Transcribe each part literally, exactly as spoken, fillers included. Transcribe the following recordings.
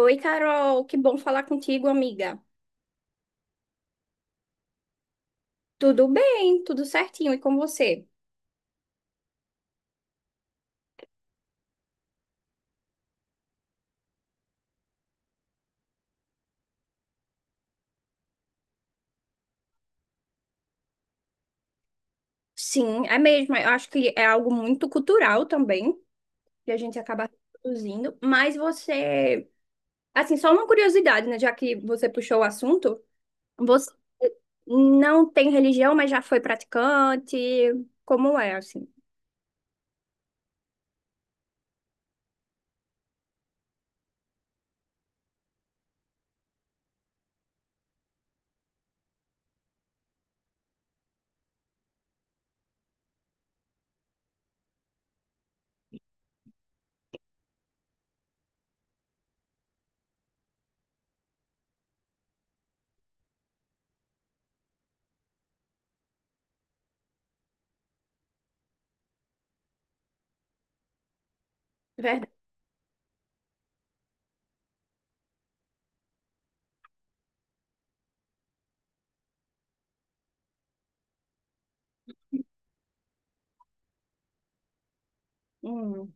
Oi, Carol, que bom falar contigo, amiga. Tudo bem, tudo certinho, e com você? Sim, é mesmo. Eu acho que é algo muito cultural também, que a gente acaba reproduzindo. Mas você, assim, só uma curiosidade, né? Já que você puxou o assunto, você não tem religião, mas já foi praticante. Como é, assim? Verdade. Hum.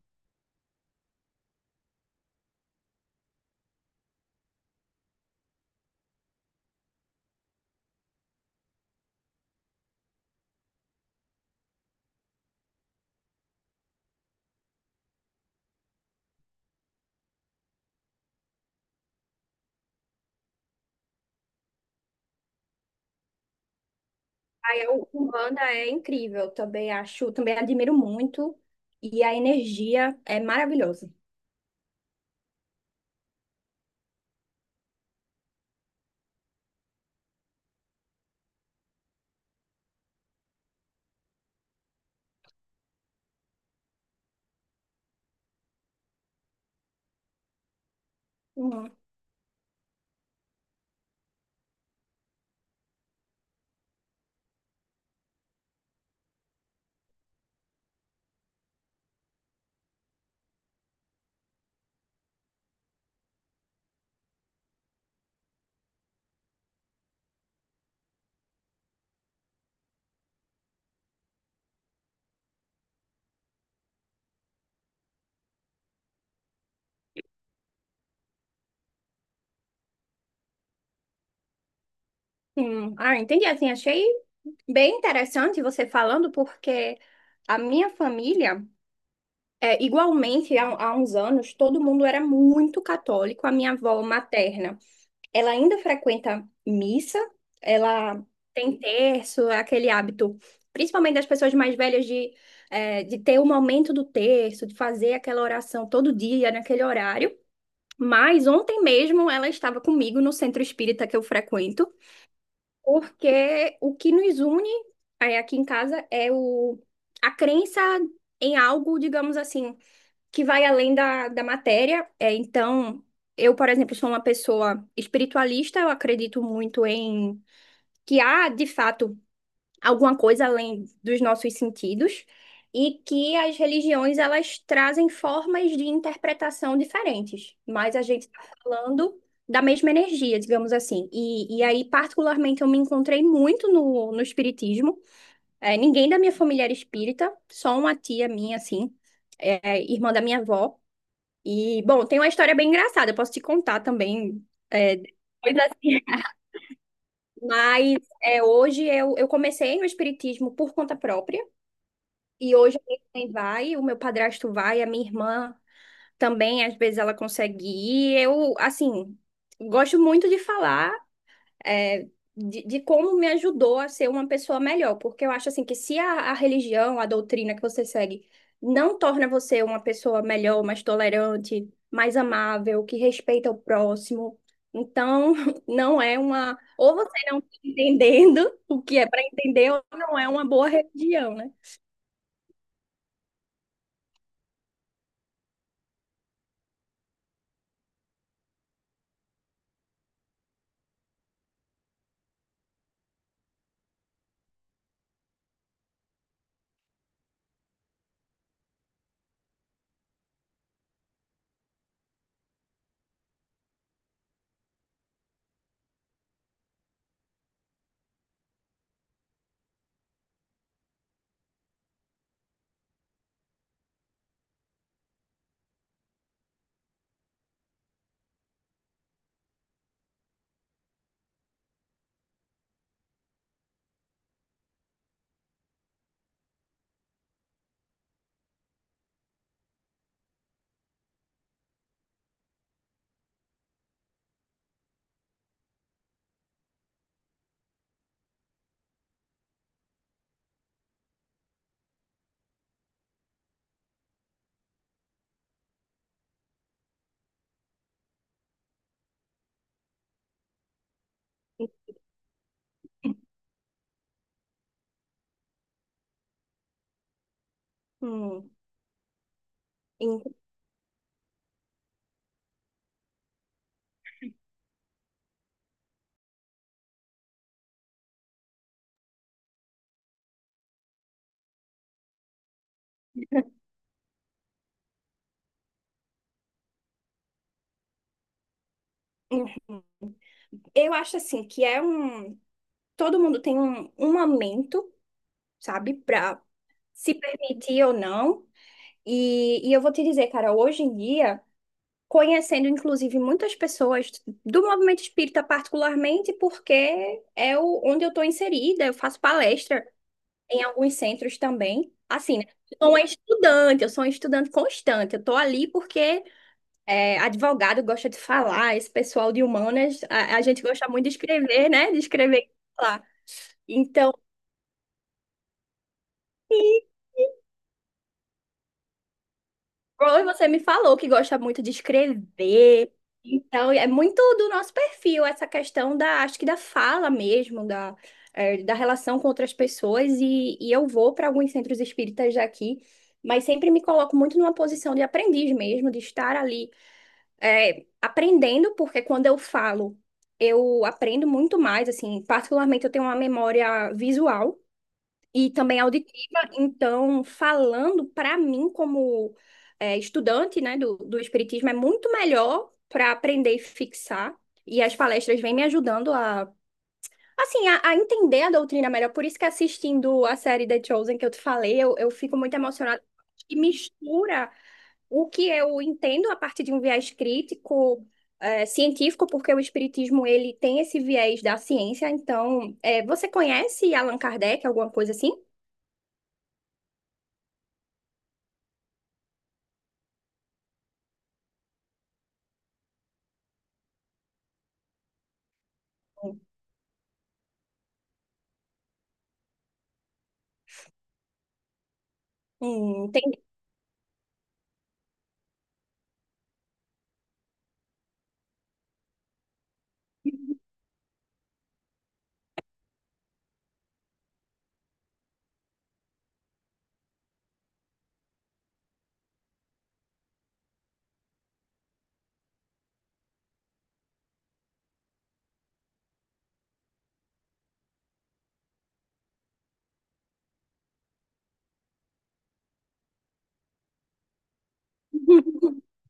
Aí, o Umbanda é incrível, também acho, também admiro muito. E a energia é maravilhosa. Hum, hum. Ah, entendi. Assim, achei bem interessante você falando, porque a minha família, é, igualmente, há, há uns anos, todo mundo era muito católico. A minha avó materna, ela ainda frequenta missa, ela tem terço, é aquele hábito, principalmente das pessoas mais velhas, de, é, de ter o momento do terço, de fazer aquela oração todo dia, naquele horário. Mas ontem mesmo ela estava comigo no centro espírita que eu frequento. Porque o que nos une é, aqui em casa é o, a crença em algo, digamos assim, que vai além da, da matéria. É, então, eu, por exemplo, sou uma pessoa espiritualista, eu acredito muito em que há, de fato, alguma coisa além dos nossos sentidos e que as religiões elas trazem formas de interpretação diferentes, mas a gente está falando da mesma energia, digamos assim. E, e aí, particularmente, eu me encontrei muito no, no espiritismo. É, ninguém da minha família era espírita, só uma tia minha, assim, é, irmã da minha avó. E, bom, tem uma história bem engraçada, eu posso te contar também. é, mas é, Hoje eu, eu comecei no espiritismo por conta própria. E hoje a minha mãe vai, o meu padrasto vai, a minha irmã também, às vezes ela consegue ir. Eu, assim, gosto muito de falar, é, de, de como me ajudou a ser uma pessoa melhor, porque eu acho, assim, que se a, a religião, a doutrina que você segue não torna você uma pessoa melhor, mais tolerante, mais amável, que respeita o próximo, então não é uma. Ou você não está entendendo o que é para entender, ou não é uma boa religião, né? Hum. Uhum. Eu acho assim que é um. Todo mundo tem um, um momento, sabe, pra se permitir ou não. E, e eu vou te dizer, cara, hoje em dia, conhecendo inclusive muitas pessoas do movimento espírita, particularmente porque é o, onde eu tô inserida, eu faço palestra em alguns centros também. Assim, né? Eu sou uma estudante, eu sou uma estudante constante, eu tô ali porque é, advogado gosta de falar, esse pessoal de humanas, a, a gente gosta muito de escrever, né? De escrever e falar. Então, Roy, você me falou que gosta muito de escrever. Então, é muito do nosso perfil essa questão da, acho que da fala mesmo, da, é, da relação com outras pessoas. E, e eu vou para alguns centros espíritas daqui, mas sempre me coloco muito numa posição de aprendiz mesmo, de estar ali é, aprendendo, porque quando eu falo, eu aprendo muito mais, assim, particularmente eu tenho uma memória visual e também auditiva, então falando para mim como é, estudante, né, do, do espiritismo é muito melhor para aprender e fixar, e as palestras vêm me ajudando a Assim, a, a entender a doutrina melhor, por isso que assistindo a série The Chosen que eu te falei, eu, eu fico muito emocionada, que mistura o que eu entendo a partir de um viés crítico, eh, científico, porque o espiritismo ele tem esse viés da ciência. Então, é você conhece Allan Kardec, alguma coisa assim? Hum, entendi.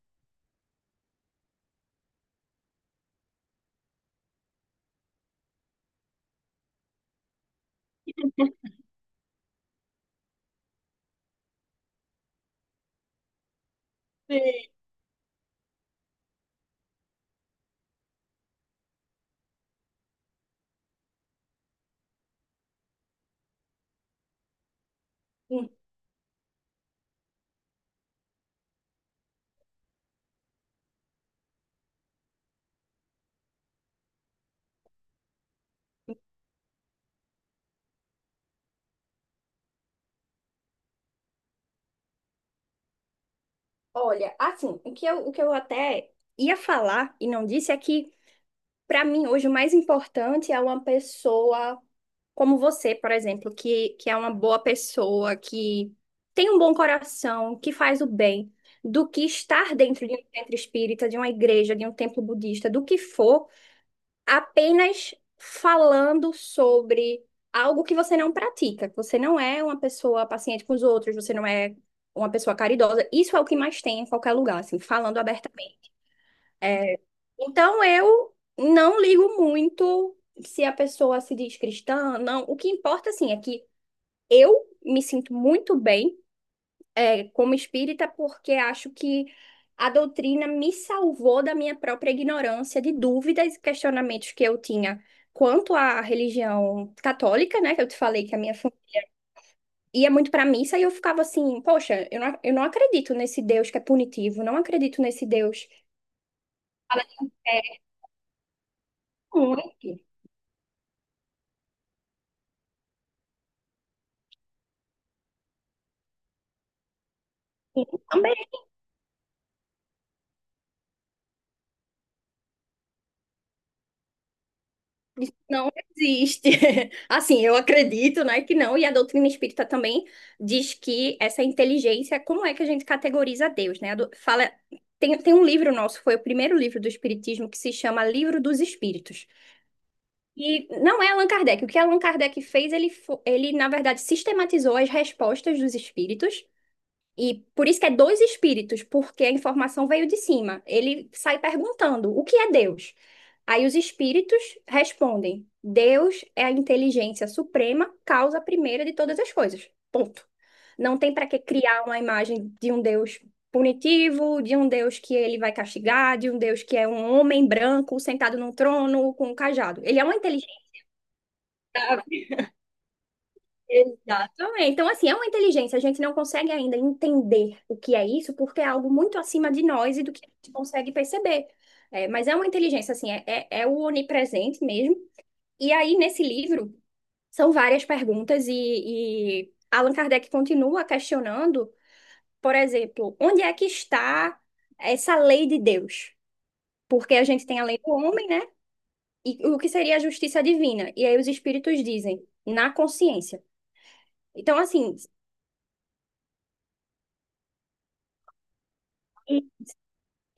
Sim. Olha, assim, o que eu, o que eu até ia falar e não disse é que, para mim, hoje o mais importante é uma pessoa como você, por exemplo, que, que é uma boa pessoa, que tem um bom coração, que faz o bem, do que estar dentro de um centro espírita, de uma igreja, de um templo budista, do que for, apenas falando sobre algo que você não pratica, que você não é uma pessoa paciente com os outros, você não é uma pessoa caridosa. Isso é o que mais tem em qualquer lugar, assim, falando abertamente. Então eu não ligo muito se a pessoa se diz cristã, não. O que importa, assim, é que eu me sinto muito bem, é, como espírita, porque acho que a doutrina me salvou da minha própria ignorância de dúvidas e questionamentos que eu tinha quanto à religião católica, né? Que eu te falei que a minha família ia muito para missa e eu ficava assim, poxa, eu não, eu não acredito nesse Deus que é punitivo, não acredito nesse Deus. Que fala que é único. Sim, também. Não existe. Assim, eu acredito, né, que não, e a doutrina espírita também diz que essa inteligência, como é que a gente categoriza Deus, né? A do- Fala, tem, tem um livro nosso, foi o primeiro livro do Espiritismo, que se chama Livro dos Espíritos. E não é Allan Kardec. O que Allan Kardec fez, ele, fo- ele, na verdade, sistematizou as respostas dos espíritos e por isso que é dois espíritos, porque a informação veio de cima. Ele sai perguntando: o que é Deus? Aí os espíritos respondem: Deus é a inteligência suprema, causa primeira de todas as coisas. Ponto. Não tem para que criar uma imagem de um Deus punitivo, de um Deus que ele vai castigar, de um Deus que é um homem branco sentado num trono com um cajado. Ele é uma inteligência. Exatamente. Então, assim, é uma inteligência. A gente não consegue ainda entender o que é isso, porque é algo muito acima de nós e do que a gente consegue perceber. É, mas é uma inteligência, assim, é, é, é o onipresente mesmo. E aí, nesse livro, são várias perguntas e, e Allan Kardec continua questionando, por exemplo, onde é que está essa lei de Deus? Porque a gente tem a lei do homem, né? E o que seria a justiça divina? E aí os espíritos dizem, na consciência. Então, assim.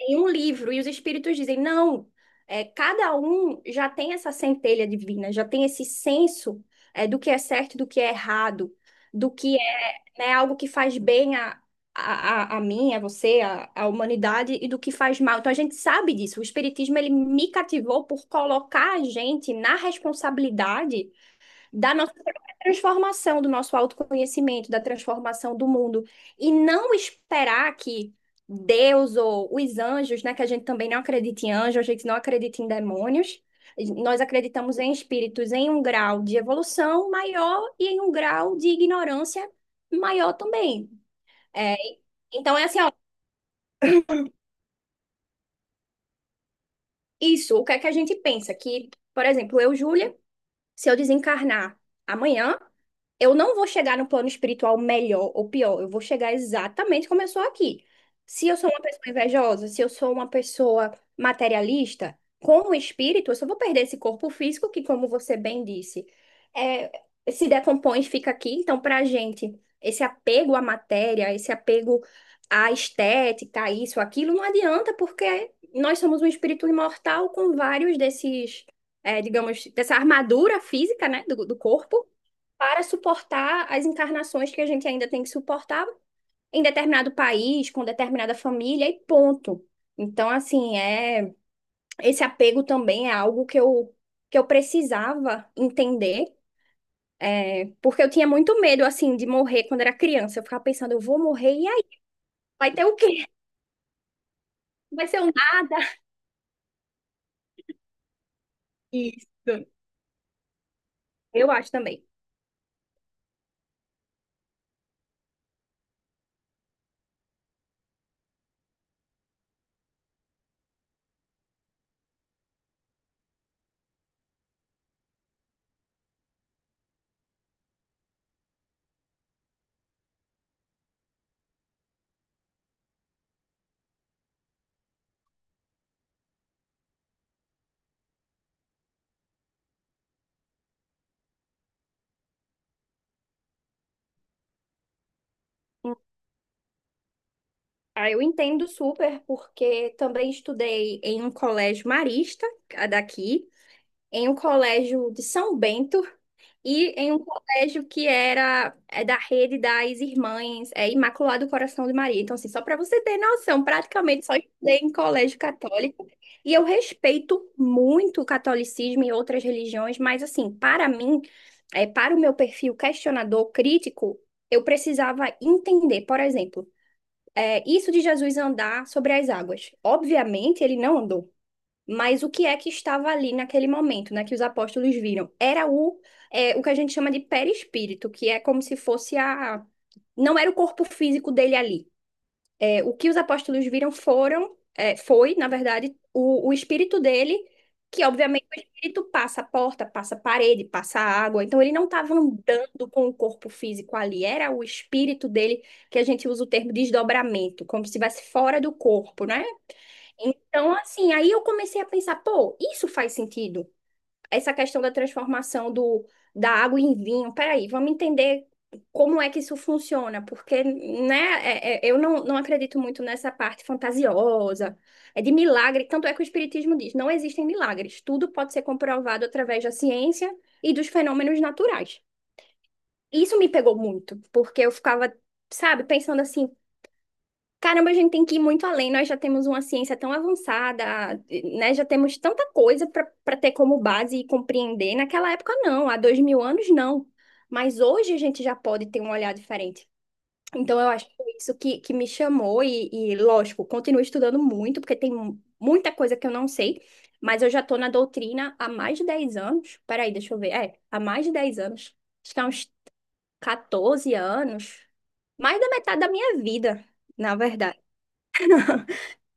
Em um livro, e os espíritos dizem, não, é, cada um já tem essa centelha divina, já tem esse senso é, do que é certo, do que é errado, do que é, né, algo que faz bem a, a, a a mim, a você, a, a humanidade, e do que faz mal. Então a gente sabe disso. O espiritismo, ele me cativou por colocar a gente na responsabilidade da nossa própria transformação, do nosso autoconhecimento, da transformação do mundo. E não esperar que Deus ou os anjos, né, que a gente também não acredita em anjos, a gente não acredita em demônios. Nós acreditamos em espíritos em um grau de evolução maior e em um grau de ignorância maior também. É, então, é assim, ó, isso, o que é que a gente pensa? Que, por exemplo, eu, Júlia, se eu desencarnar amanhã, eu não vou chegar no plano espiritual melhor ou pior, eu vou chegar exatamente como eu sou aqui. Se eu sou uma pessoa invejosa, se eu sou uma pessoa materialista, com o espírito, eu só vou perder esse corpo físico que, como você bem disse, é, se decompõe e fica aqui. Então, para a gente, esse apego à matéria, esse apego à estética, isso, aquilo, não adianta, porque nós somos um espírito imortal com vários desses é, digamos, dessa armadura física, né, do, do corpo, para suportar as encarnações que a gente ainda tem que suportar em determinado país, com determinada família e ponto. Então, assim, é esse apego também é algo que eu que eu precisava entender, é, porque eu tinha muito medo, assim, de morrer quando era criança. Eu ficava pensando, eu vou morrer, e aí? Vai ter o quê? Vai ser um nada? Isso, eu acho também. Ah, eu entendo super, porque também estudei em um colégio marista, a daqui, em um colégio de São Bento e em um colégio que era é da rede das Irmãs é, Imaculado Coração de Maria. Então, assim, só para você ter noção, praticamente só estudei em colégio católico. E eu respeito muito o catolicismo e outras religiões, mas, assim, para mim, é, para o meu perfil questionador, crítico, eu precisava entender, por exemplo é, isso de Jesus andar sobre as águas. Obviamente, ele não andou. Mas o que é que estava ali naquele momento, né, que os apóstolos viram? Era o, é, o que a gente chama de perispírito, que é como se fosse a. Não era o corpo físico dele ali. É, o que os apóstolos viram foram, é, foi, na verdade, o, o espírito dele, que obviamente o espírito passa a porta, passa a parede, passa a água. Então ele não estava andando com o corpo físico ali, era o espírito dele, que a gente usa o termo desdobramento, como se estivesse fora do corpo, né? Então, assim, aí eu comecei a pensar, pô, isso faz sentido essa questão da transformação do, da água em vinho. Peraí, vamos entender como é que isso funciona, porque, né, é- é- eu não, não acredito muito nessa parte fantasiosa, é de milagre, tanto é que o Espiritismo diz, não existem milagres, tudo pode ser comprovado através da ciência e dos fenômenos naturais. Isso me pegou muito, porque eu ficava, sabe, pensando assim, caramba, a gente tem que ir muito além. Nós já temos uma ciência tão avançada, né? Já temos tanta coisa para ter como base e compreender. Naquela época, não. Há dois mil anos, não. Mas hoje a gente já pode ter um olhar diferente. Então, eu acho que foi isso que, que me chamou. E, e, lógico, continuo estudando muito, porque tem mu- muita coisa que eu não sei. Mas eu já estou na doutrina há mais de dez anos. Peraí, deixa eu ver. É, há mais de dez anos. Acho que há uns quatorze anos. Mais da metade da minha vida, na verdade.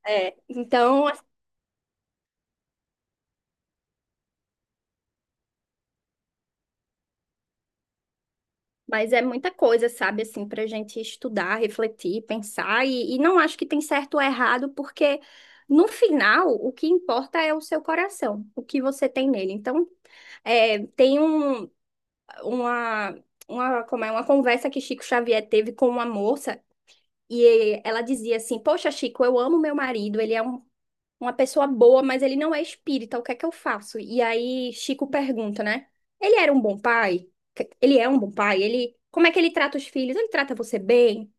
É, então, mas é muita coisa, sabe, assim, para a gente estudar, refletir, pensar, e, e não acho que tem certo ou errado, porque no final o que importa é o seu coração, o que você tem nele. Então, é, tem um, uma, uma, como é, uma conversa que Chico Xavier teve com uma moça, e ela dizia assim: Poxa, Chico, eu amo meu marido, ele é um uma pessoa boa, mas ele não é espírita. O que é que eu faço? E aí Chico pergunta, né? Ele era um bom pai? Ele é um bom pai? Ele, como é que ele trata os filhos? Ele trata você bem?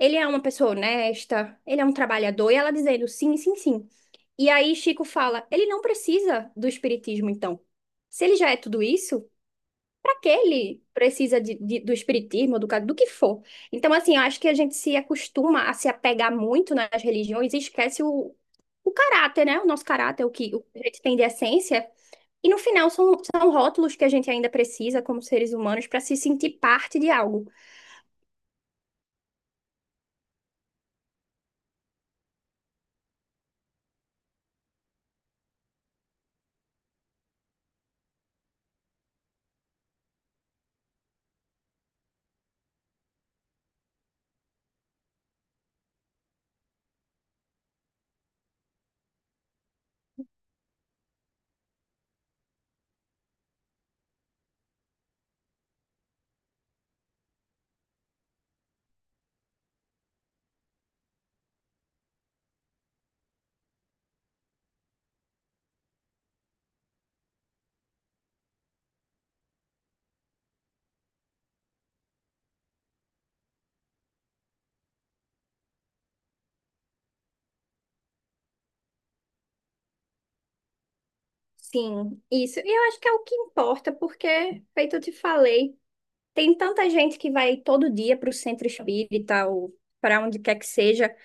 Ele é uma pessoa honesta? Ele é um trabalhador? E ela dizendo sim, sim, sim. E aí Chico fala, ele não precisa do espiritismo, então. Se ele já é tudo isso, para que ele precisa de, de- do espiritismo, do, ca- do que for. Então, assim, eu acho que a gente se acostuma a se apegar muito nas religiões e esquece o, o caráter, né? O nosso caráter, o que, o que a gente tem de essência. E no final são, são rótulos que a gente ainda precisa como seres humanos para se sentir parte de algo. Sim, isso. E eu acho que é o que importa, porque, feito eu te falei, tem tanta gente que vai todo dia para o centro espírita ou para onde quer que seja.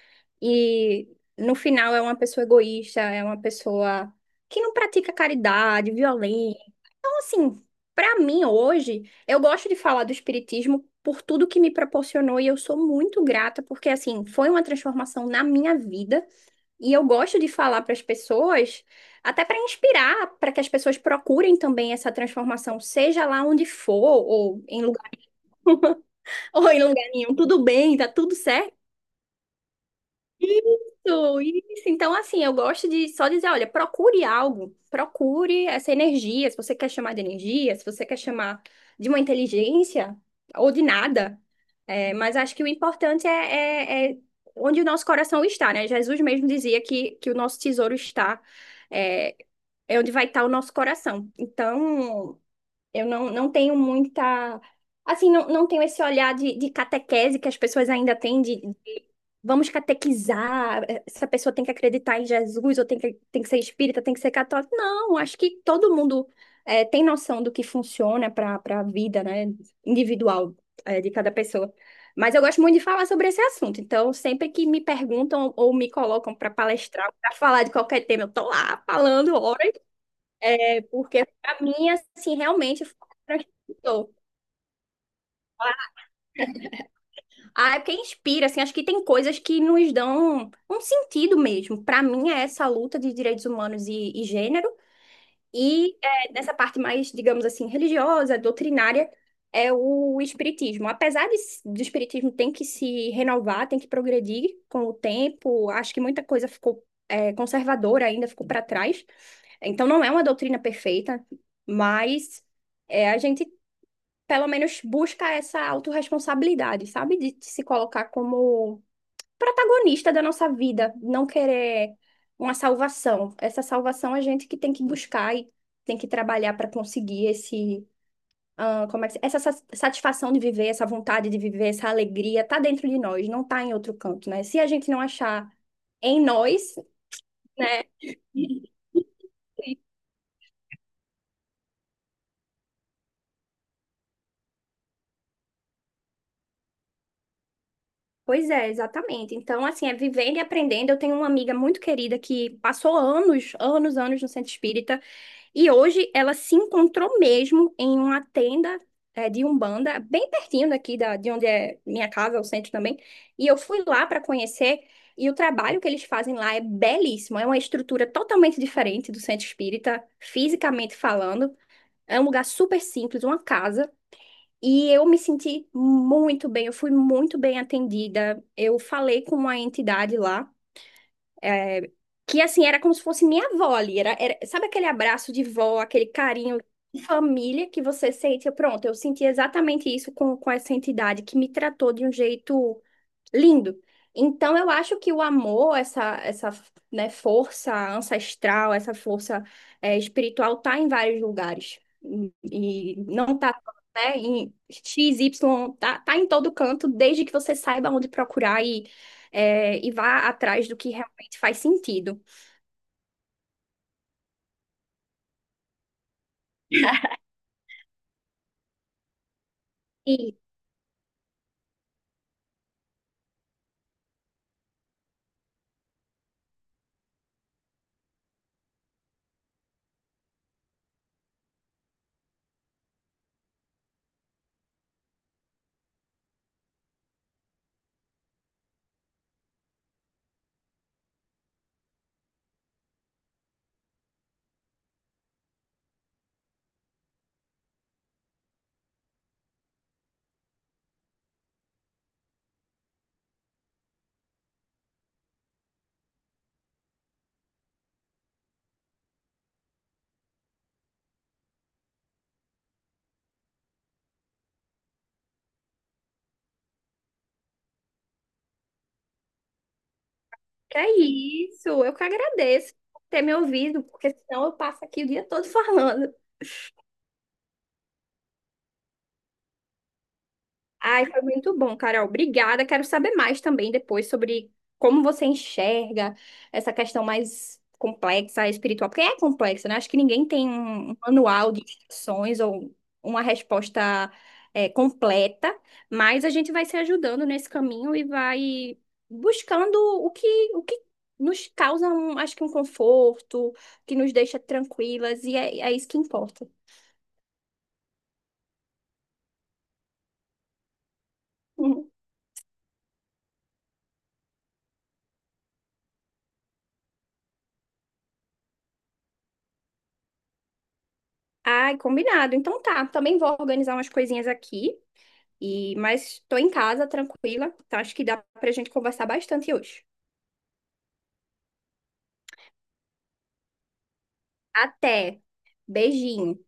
E no final é uma pessoa egoísta, é uma pessoa que não pratica caridade, violência. Então, assim, pra mim hoje, eu gosto de falar do espiritismo por tudo que me proporcionou e eu sou muito grata porque assim, foi uma transformação na minha vida e eu gosto de falar para as pessoas, até para inspirar, para que as pessoas procurem também essa transformação, seja lá onde for ou em lugar ou em lugar nenhum, tudo bem, tá tudo certo. Isso, isso. Então, assim, eu gosto de só dizer, olha, procure algo, procure essa energia, se você quer chamar de energia, se você quer chamar de uma inteligência ou de nada. É, mas acho que o importante é, é- é onde o nosso coração está, né? Jesus mesmo dizia que, que o nosso tesouro está, é, é onde vai estar o nosso coração. Então, eu não, não tenho muita. Assim, não, não tenho esse olhar de, de catequese que as pessoas ainda têm, de, de vamos catequizar, eh, essa pessoa tem que acreditar em Jesus, ou tem que, tem que ser espírita, tem que ser católico. Não, acho que todo mundo eh, tem noção do que funciona para para a vida, né, individual eh, de cada pessoa. Mas eu gosto muito de falar sobre esse assunto, então sempre que me perguntam ou me colocam para palestrar, para falar de qualquer tema, eu tô lá falando horas. Porque pra mim, assim, realmente foi o que transformou. Ah, é porque inspira, assim, acho que tem coisas que nos dão um sentido mesmo. Pra mim é essa luta de direitos humanos e, e gênero. E é, nessa parte mais, digamos assim, religiosa, doutrinária, é o espiritismo. Apesar de, do espiritismo tem que se renovar, tem que progredir com o tempo, acho que muita coisa ficou é, conservadora ainda, ficou para trás. Então não é uma doutrina perfeita, mas é, a gente pelo menos busca essa autorresponsabilidade, sabe? De se colocar como protagonista da nossa vida, não querer uma salvação. Essa salvação a gente que tem que buscar e tem que trabalhar para conseguir esse, ah, como é que, se- essa sa- satisfação de viver, essa vontade de viver, essa alegria, tá dentro de nós, não tá em outro canto, né? Se a gente não achar em nós, né? Pois é, exatamente. Então, assim, é vivendo e aprendendo. Eu tenho uma amiga muito querida que passou anos, anos, anos no centro espírita. E hoje ela se encontrou mesmo em uma tenda é, de Umbanda, bem pertinho daqui da, de onde é minha casa, o centro também. E eu fui lá para conhecer, e o trabalho que eles fazem lá é belíssimo. É uma estrutura totalmente diferente do centro espírita, fisicamente falando. É um lugar super simples, uma casa. E eu me senti muito bem, eu fui muito bem atendida. Eu falei com uma entidade lá que assim, era como se fosse minha avó ali. Era, era- sabe aquele abraço de vó, aquele carinho de família que você sente? Eu, pronto, eu senti exatamente isso com, com essa entidade que me tratou de um jeito lindo. Então, eu acho que o amor, essa, essa, né, força ancestral, essa força, eh, espiritual, tá em vários lugares. E e não tá, né, em X, Y, tá, tá em todo canto, desde que você saiba onde procurar e, eh, e vá atrás do que realmente faz sentido. E que é isso, eu que agradeço por ter me ouvido, porque senão eu passo aqui o dia todo falando. Ai, foi muito bom, Carol. Obrigada. Quero saber mais também depois sobre como você enxerga essa questão mais complexa, espiritual, porque é complexa, né? Acho que ninguém tem um um manual de instruções ou uma resposta é, completa, mas a gente vai se ajudando nesse caminho e vai buscando o que, o que nos causa, um, acho que um conforto, que nos deixa tranquilas, e é, é isso que importa. Uhum. Ai, combinado. Então tá, também vou organizar umas coisinhas aqui. E, mas estou em casa, tranquila. Então acho que dá pra gente conversar bastante hoje. Até. Beijinho.